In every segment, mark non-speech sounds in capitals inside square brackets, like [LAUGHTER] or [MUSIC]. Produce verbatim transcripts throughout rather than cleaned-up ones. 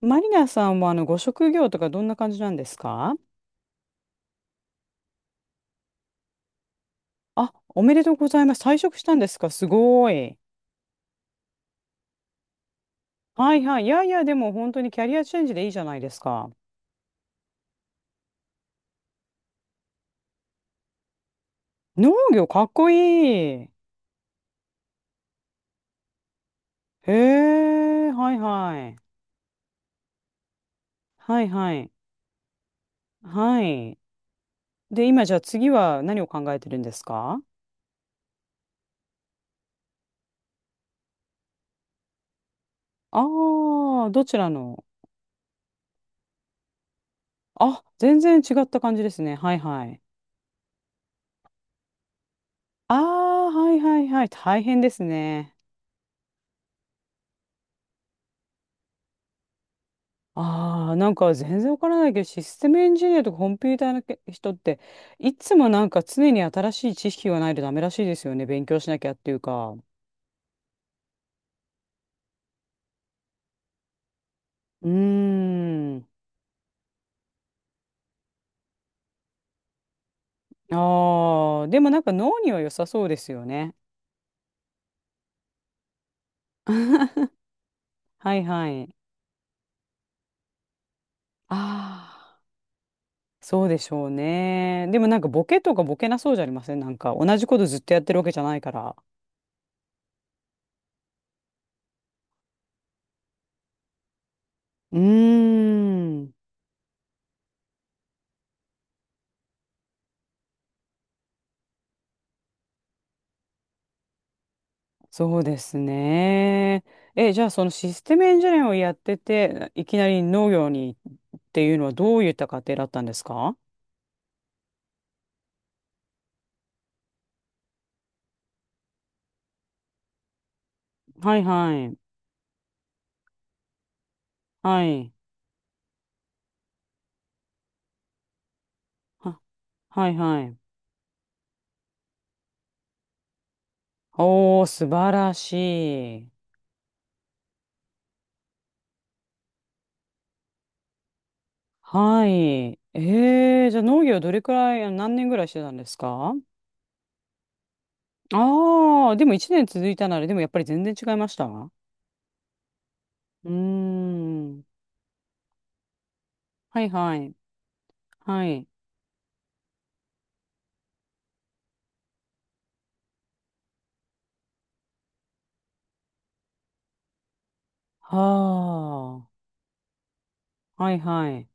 マリナさんはあのご職業とかどんな感じなんですか？あ、おめでとうございます。退職したんですか、すごい。はいはい。いやいや、でも本当にキャリアチェンジでいいじゃないですか。農業かっこいい。へえ、はいはい。はいはい。はい。で、今じゃあ次は何を考えてるんですか？ああー、どちらの？あ、全然違った感じですね。はいはい。ああ、はいはいはい。大変ですね。ああ、なんか全然わからないけど、システムエンジニアとかコンピューターのけ人って、いつもなんか常に新しい知識がないとダメらしいですよね。勉強しなきゃっていうか。うーん。ああ、でもなんか脳には良さそうですよね。はいはい。ああ、そうでしょうね。でもなんかボケとかボケなそうじゃありません？なんか同じことずっとやってるわけじゃないから。うーん。そうですね。え、じゃあそのシステムエンジニアをやってて、いきなり農業にっていうのはどういった家庭だったんですか？はいはい。はい。は、はいはい。おー、素晴らしい。はい。えー、じゃあ農業どれくらい、あ、何年ぐらいしてたんですか？ああー、でも一年続いたなら、でもやっぱり全然違いました？うーん。はいはい。はい。はあ。はいはい。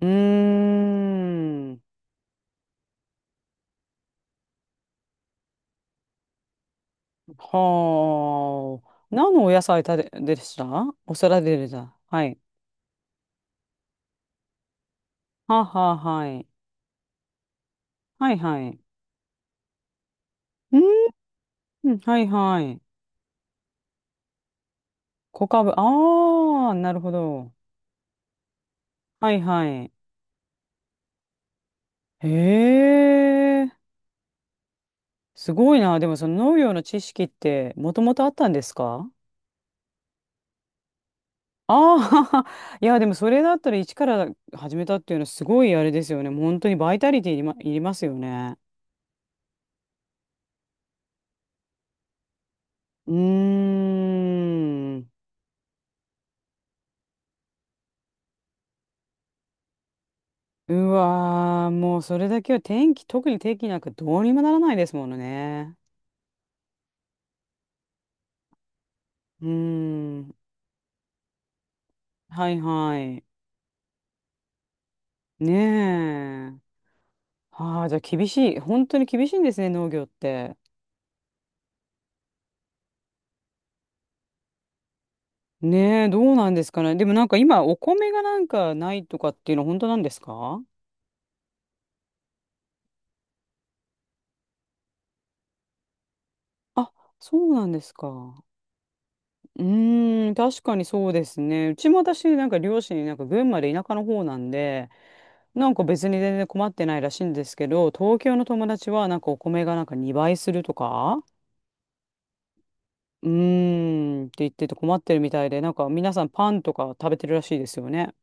うーん。はあ。何のお野菜たで、でした？お皿で出てた。はい。はあはあ、はい。はいはい。うーん、はいはい。小株、ああ、なるほど。はいはい。へえ、すごいな。でもその農業の知識ってもともとあったんですか？ああー、[LAUGHS] いや、でもそれだったら一から始めたっていうのはすごいあれですよね。もう本当にバイタリティいりま、いりますよね。うーん。うわー、もうそれだけは天気、特に天気なんかどうにもならないですものね。うーん。はいはい。ねえ。はあ、じゃあ厳しい。本当に厳しいんですね、農業って。ねえ、どうなんですかね。でもなんか今、お米がなんかないとかっていうのは本当なんですか？あ、そうなんですか。うーん、確かにそうですね。うちも私、なんか両親、なんか群馬で田舎の方なんで、なんか別に全然困ってないらしいんですけど、東京の友達はなんかお米がなんかにばいするとか、うーんって言ってて困ってるみたいで、なんか皆さんパンとか食べてるらしいですよね。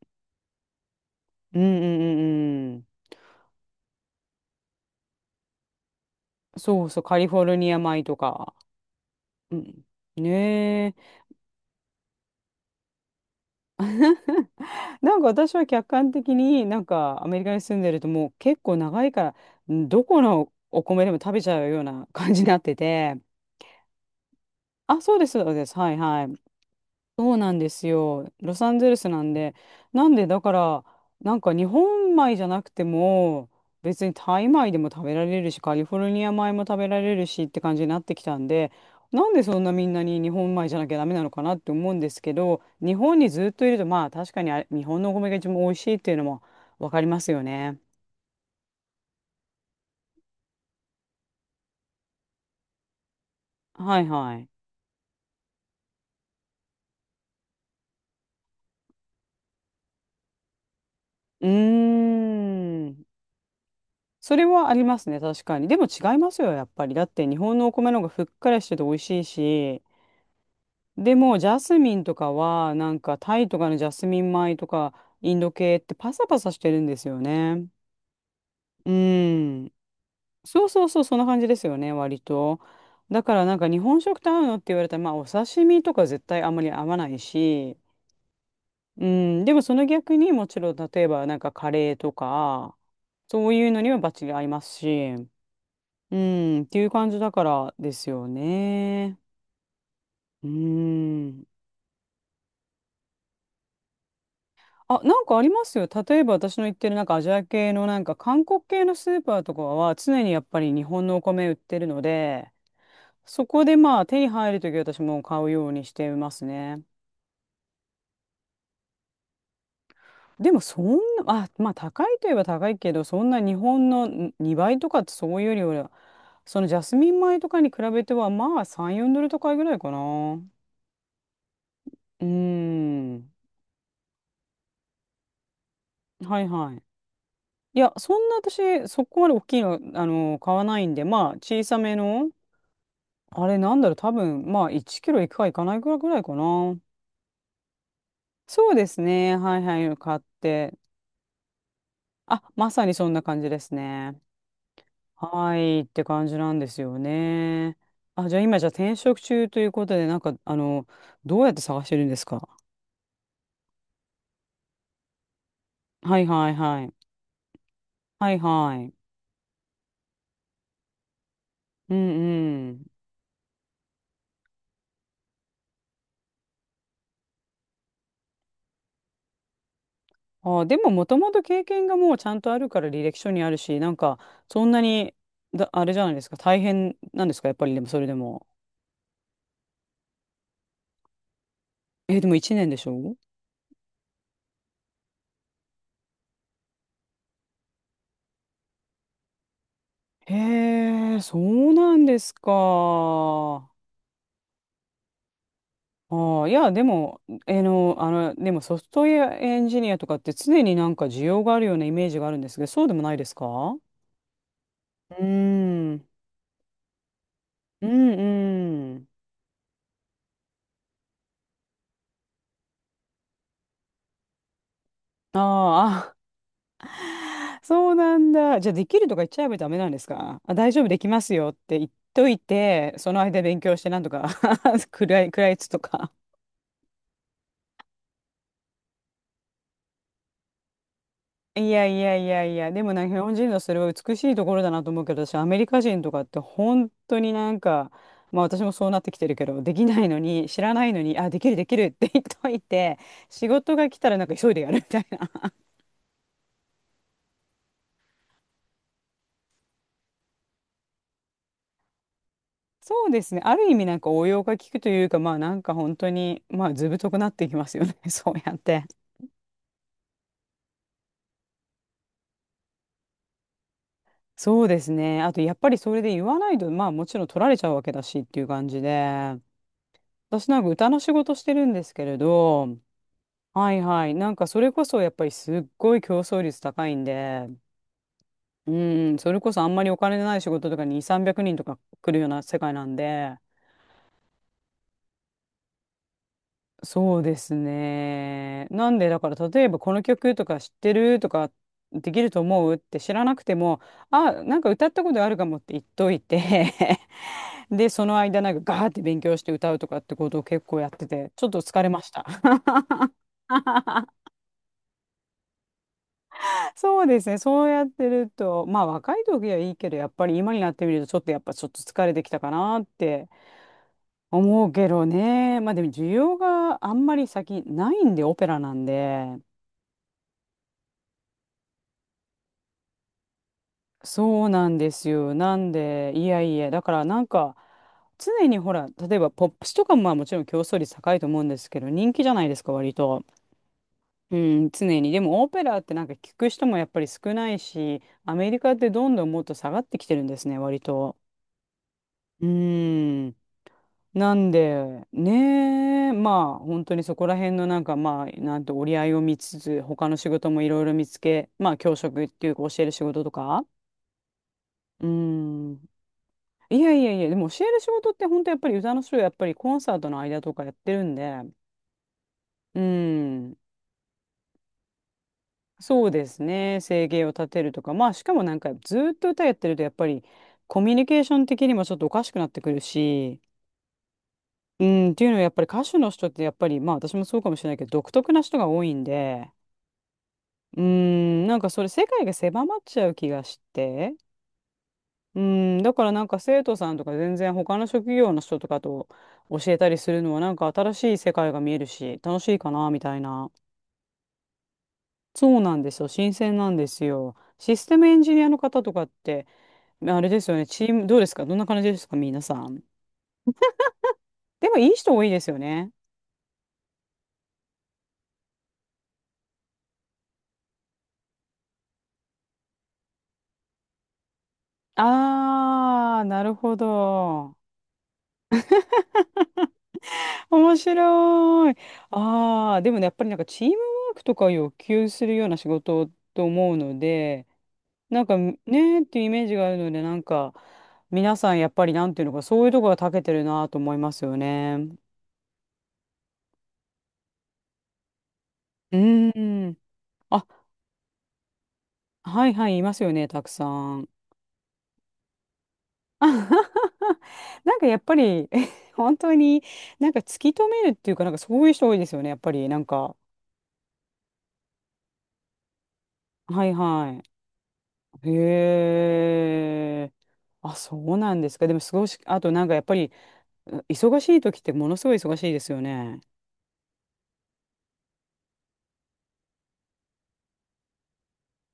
うんうんうんうん。そうそう、カリフォルニア米とか。うん。ねえ。なんか私は客観的になんかアメリカに住んでるともう結構長いから、んどこのお米でも食べちゃうような感じになってて。あ、そうです、そうです。はいはい。そうなんですよ。ロサンゼルスなんで。なんで、だから、なんか日本米じゃなくても、別にタイ米でも食べられるし、カリフォルニア米も食べられるしって感じになってきたんで、なんでそんなみんなに日本米じゃなきゃダメなのかなって思うんですけど、日本にずっといると、まあ確かにあれ日本のお米が一番美味しいっていうのもわかりますよね。はいはい。うーん。それはありますね、確かに。でも違いますよ、やっぱり。だって日本のお米の方がふっくらしてて美味しいし、でも、ジャスミンとかは、なんかタイとかのジャスミン米とか、インド系ってパサパサしてるんですよね。うん。そうそうそう、そんな感じですよね、割と。だから、なんか日本食と合うのって言われたら、まあ、お刺身とか絶対あんまり合わないし、うん。でも、その逆にもちろん、例えば、なんかカレーとか、そういうのにはバッチリ合いますし、うん、っていう感じだからですよね。うん。あ、なんかありますよ。例えば私の言ってるなんかアジア系のなんか韓国系のスーパーとかは常にやっぱり日本のお米売ってるので、そこでまあ手に入るとき私も買うようにしてますね。でもそんな、あ、まあ高いといえば高いけど、そんな日本のんにばいとかってそういうよりは、そのジャスミン米とかに比べてはまあさん、よんドルドル高いぐらいかな。うーん。はいはい。いや、そんな私そこまで大きいの、あの買わないんで、まあ小さめの。あれなんだろう、多分、まあ、いちキロいくかいかないかぐらいかな。そうですね。はいはい、買って。あ、まさにそんな感じですね。はい、って感じなんですよね。あ、じゃあ今、じゃあ転職中ということで、なんか、あの、どうやって探してるんですか？はいはいはい。はいはい。うんうん。あ、でも、もともと経験がもうちゃんとあるから履歴書にあるし、なんか、そんなに、だ、あれじゃないですか。大変なんですか、やっぱり、でも、それでも。え、でもいちねんでしょ？へえ、そうなんですか。ああ、いや、でも、えの、あの、でもソフトウェアエンジニアとかって常になんか需要があるようなイメージがあるんですけど、そうでもないですか？うーん。うんうん。あーあ、[LAUGHS] あ、そうなんだ。じゃあ、できるとか言っちゃえばダメなんですか？あ、大丈夫、できますよって言っといて、その間勉強してなんとか [LAUGHS] 食らい、食らいつとか。いやいやいやいや、でもなんか日本人のそれは美しいところだなと思うけど、私アメリカ人とかって本当になんか、まあ私もそうなってきてるけど、できないのに、知らないのに、あ、できるできるって言っといて、仕事が来たらなんか急いでやるみたいな。そうですね。ある意味なんか応用が効くというか、まあなんか本当に、まあ図太くなっていきますよね。[LAUGHS] そうやって。そうですね。あとやっぱりそれで言わないと、まあもちろん取られちゃうわけだしっていう感じで、私なんか歌の仕事してるんですけれど、はいはい。なんかそれこそやっぱりすっごい競争率高いんで、うん、それこそあんまりお金のない仕事とかにに、さんびゃくにんとか来るような世界なんで、そうですね。なんでだから例えばこの曲とか知ってるとかできると思うって知らなくても、あ、なんか歌ったことあるかもって言っといて [LAUGHS] で、その間なんかガーって勉強して歌うとかってことを結構やってて、ちょっと疲れました。そうですね。そうやってると、まあ若い時はいいけど、やっぱり今になってみると、ちょっとやっぱちょっと疲れてきたかなって思うけどね。まあでも需要があんまり先ないんで、オペラなんで。そうなんですよ。なんで、いやいや、だからなんか、常にほら、例えばポップスとかもまあもちろん競争率高いと思うんですけど、人気じゃないですか、割と。うん、常に。でもオペラってなんか聞く人もやっぱり少ないし、アメリカってどんどんもっと下がってきてるんですね、割と。うん。なんで、ねえ、まあ、本当にそこら辺のなんか、まあ、なんて折り合いを見つつ、他の仕事もいろいろ見つけ、まあ、教職っていうか教える仕事とか。うん。いやいやいや、でも教える仕事って本当やっぱり歌の人やっぱりコンサートの間とかやってるんで、うん。そうですね。生計を立てるとか、まあ、しかもなんかずーっと歌やってるとやっぱりコミュニケーション的にもちょっとおかしくなってくるし、うん、っていうのはやっぱり歌手の人ってやっぱりまあ私もそうかもしれないけど独特な人が多いんで、うーん、なんかそれ世界が狭まっちゃう気がして。うーん、だからなんか生徒さんとか全然他の職業の人とかと教えたりするのはなんか新しい世界が見えるし楽しいかなみたいな。そうなんですよ。新鮮なんですよ。システムエンジニアの方とかってあれですよね。チームどうですか、どんな感じですか、皆さん。でもいい人多いですよね。あー、なるほど。面白い。ああ、でもね、やっぱりなんかチームワークとかを要求するような仕事と思うので、なんかねーっていうイメージがあるので、なんか皆さんやっぱりなんていうのか、そういうとこが長けてるなと思いますよね。うーん。あ、はいはい、いますよね、たくさん。なんかやっぱり [LAUGHS] 本当になんか突き止めるっていうか、なんかそういう人多いですよね、やっぱりなんか。はいはい。へえ。あ、そうなんですか。でも、すごいし、あとなんかやっぱり、忙しい時ってものすごい忙しいですよね。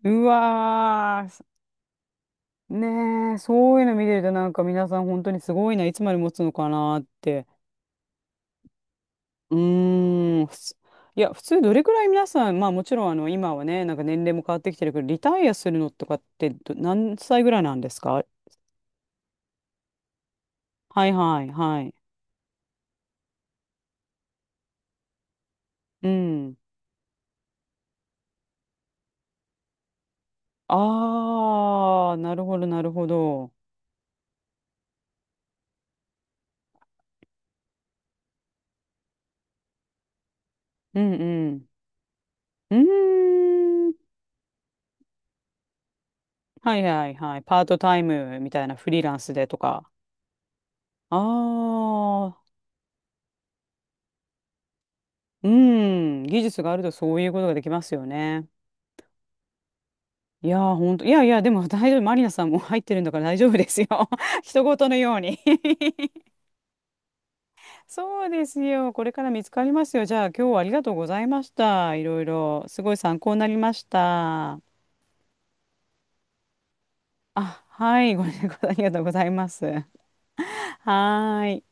うわー、ねえ、そういうの見てるとなんか皆さん本当にすごいな、いつまで持つのかなって。うーん、ふついや、普通どれくらい皆さん、まあもちろんあの今はね、なんか年齢も変わってきてるけど、リタイアするのとかってど何歳ぐらいなんですか？はいはいはい。うん。ああ、なるほどなるほど。うんうん。うーん。はいはいはい。パートタイムみたいなフリーランスでとか。ああ、うん、技術があるとそういうことができますよね。いやー、ほんと、いやいや、でも大丈夫、マリナさんも入ってるんだから大丈夫ですよ。[LAUGHS] 人事のように [LAUGHS] そうですよ。これから見つかりますよ。じゃあ、今日はありがとうございました。いろいろ、すごい参考になりました。あ、はい、ごめんなさい、ありがとうございます。はーい。